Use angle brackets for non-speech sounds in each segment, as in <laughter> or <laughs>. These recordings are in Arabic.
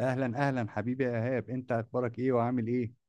اهلا، اهلا حبيبي يا ايهاب. انت اخبارك ايه وعامل ايه؟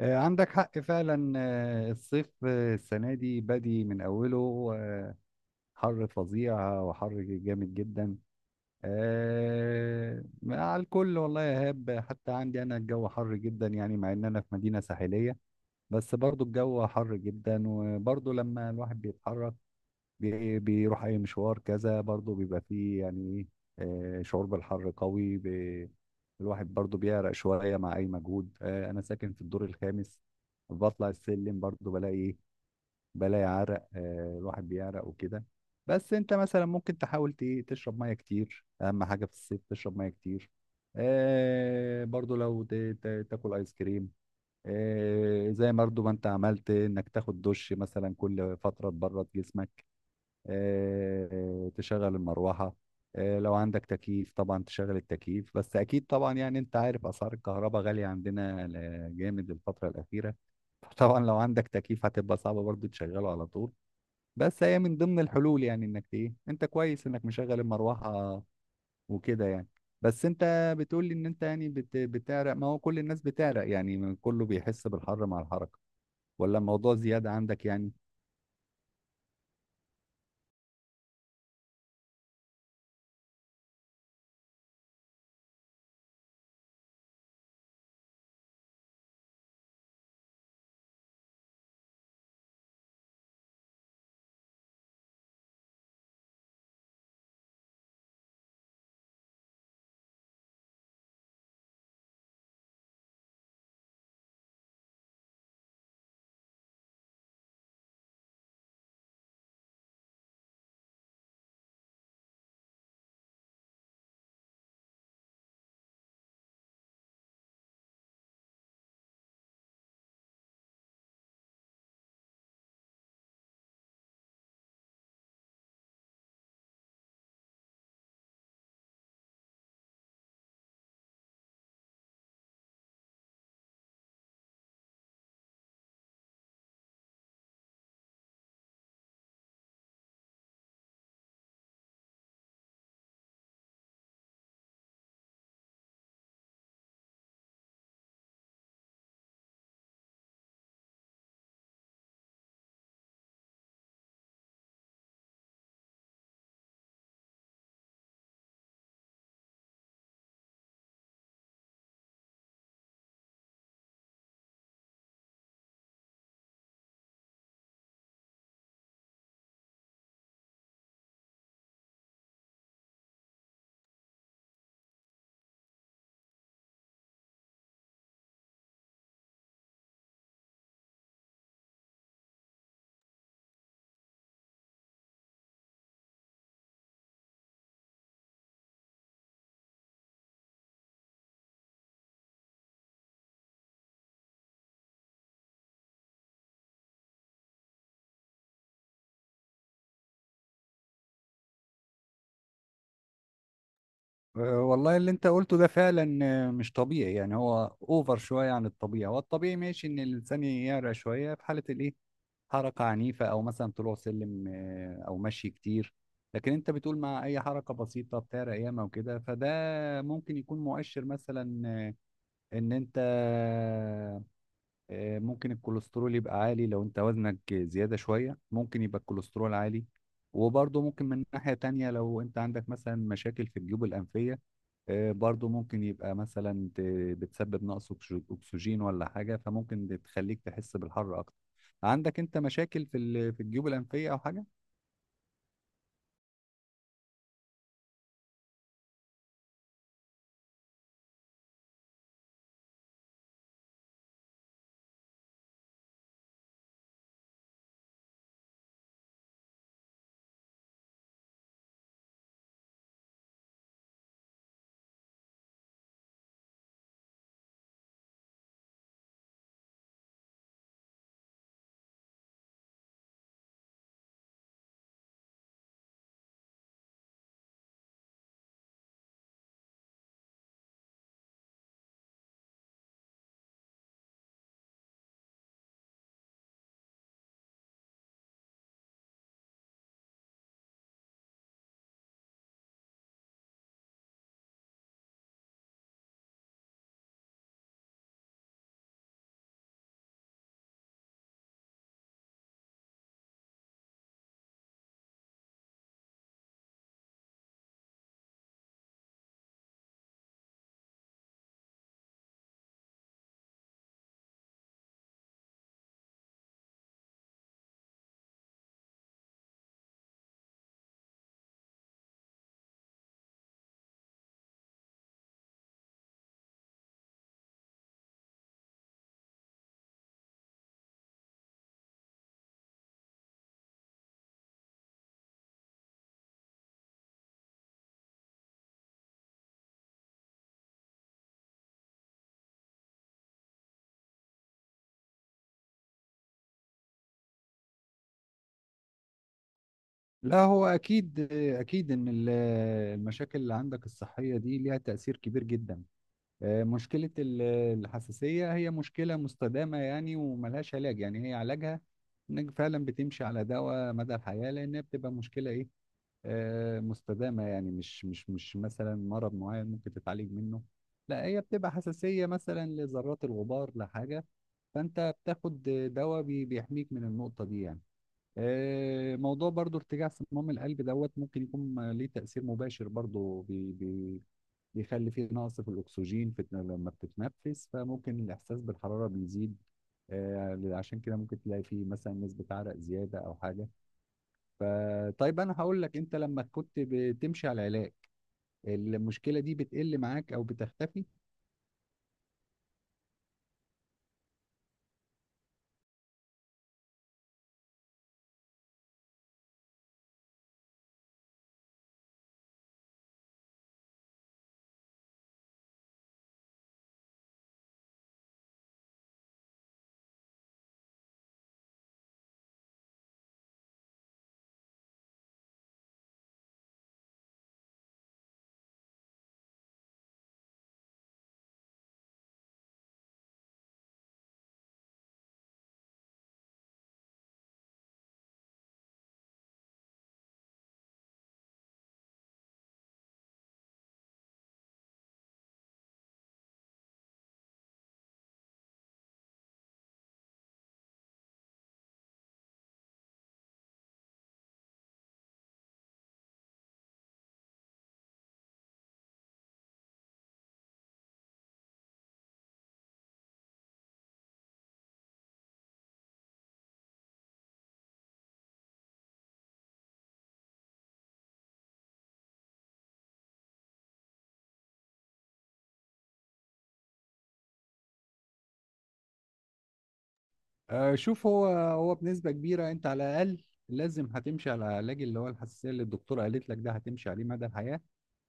عندك حق فعلا. الصيف السنه دي بادي من اوله. آه، حر فظيع وحر جامد جدا آه على الكل. والله يا ايهاب، حتى عندي انا الجو حر جدا، يعني مع ان انا في مدينه ساحليه، بس برضو الجو حر جدا. وبرضو لما الواحد بيتحرك بيروح اي مشوار كذا، برضو بيبقى فيه يعني ايه شعور بالحر قوي. الواحد برضو بيعرق شوية مع اي مجهود. انا ساكن في الدور الخامس، بطلع السلم برضو بلاقي عرق. الواحد بيعرق وكده. بس انت مثلا ممكن تحاول تشرب ميه كتير. اهم حاجة في الصيف تشرب ميه كتير. برضو لو تاكل ايس كريم، زي برضو ما انت عملت، انك تاخد دش مثلا كل فترة تبرد جسمك. تشغل المروحة. لو عندك تكييف طبعا تشغل التكييف، بس أكيد طبعا يعني أنت عارف أسعار الكهرباء غالية عندنا جامد الفترة الأخيرة. <laughs> طبعا لو عندك تكييف هتبقى صعبة برضو تشغله على طول، بس هي من ضمن الحلول يعني. انك ايه، انت كويس انك مشغل المروحة وكده يعني. بس انت بتقول لي ان انت يعني بتعرق. ما هو كل الناس بتعرق، يعني كله بيحس بالحر مع الحركة، ولا الموضوع زيادة عندك يعني؟ والله اللي انت قلته ده فعلا مش طبيعي. يعني هو اوفر شويه عن الطبيعي. هو الطبيعي ماشي ان الانسان يعرق شويه في حاله الايه، حركه عنيفه، او مثلا طلوع سلم او مشي كتير. لكن انت بتقول مع اي حركه بسيطه بتعرق ياما وكده، فده ممكن يكون مؤشر مثلا ان انت ممكن الكوليسترول يبقى عالي. لو انت وزنك زياده شويه ممكن يبقى الكوليسترول عالي. وبرضه ممكن من ناحيه تانية، لو انت عندك مثلا مشاكل في الجيوب الانفيه برضو ممكن يبقى مثلا بتسبب نقص اكسجين ولا حاجة، فممكن بتخليك تحس بالحر اكتر. عندك انت مشاكل في الجيوب الانفية او حاجة؟ لا، هو اكيد اكيد ان المشاكل اللي عندك الصحيه دي ليها تاثير كبير جدا. مشكله الحساسيه هي مشكله مستدامه يعني، وملهاش علاج. يعني هي علاجها انك فعلا بتمشي على دواء مدى الحياه، لانها بتبقى مشكله ايه مستدامة. يعني مش مثلا مرض معين ممكن تتعالج منه. لا، هي بتبقى حساسية مثلا لذرات الغبار، لحاجة، فأنت بتاخد دواء بيحميك من النقطة دي يعني. موضوع برضو ارتجاع صمام القلب دوت ممكن يكون ليه تأثير مباشر، برضو بي بي بيخلي فيه نقص في الأكسجين في لما بتتنفس، فممكن الإحساس بالحرارة بيزيد. عشان كده ممكن تلاقي فيه مثلا نسبة عرق زيادة أو حاجة. فطيب انا هقول لك، انت لما كنت بتمشي على العلاج المشكله دي بتقل معاك او بتختفي؟ شوف، هو بنسبه كبيره انت على الاقل لازم هتمشي على العلاج اللي هو الحساسيه اللي الدكتور قالت لك ده، هتمشي عليه مدى الحياه.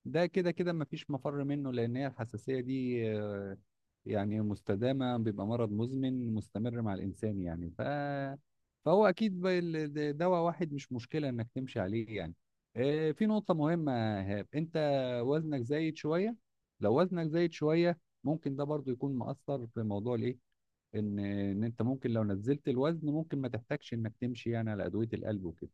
ده كده كده مفيش مفر منه، لان هي الحساسيه دي يعني مستدامه، بيبقى مرض مزمن مستمر مع الانسان يعني، فهو اكيد دواء واحد مش مشكله انك تمشي عليه يعني. في نقطه مهمه يا هاب، انت وزنك زايد شويه. لو وزنك زايد شويه ممكن ده برضو يكون مؤثر في موضوع الايه، ان انت ممكن لو نزلت الوزن ممكن ما تحتاجش انك تمشي يعني على ادويه القلب وكده.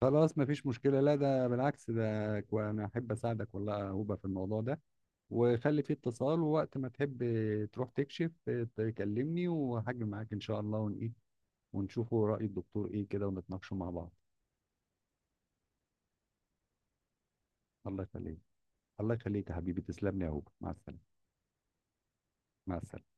خلاص مفيش مشكلة. لا ده بالعكس، ده أنا أحب أساعدك والله يا هوبا في الموضوع ده. وخلي فيه اتصال، ووقت ما تحب تروح تكشف تكلمني وهاجي معاك إن شاء الله، ون إيه ونشوفه رأي الدكتور إيه كده، ونتناقشوا مع بعض. الله يخليك، الله يخليك يا حبيبي، تسلم لي يا هوبا. مع السلامة، مع السلامة.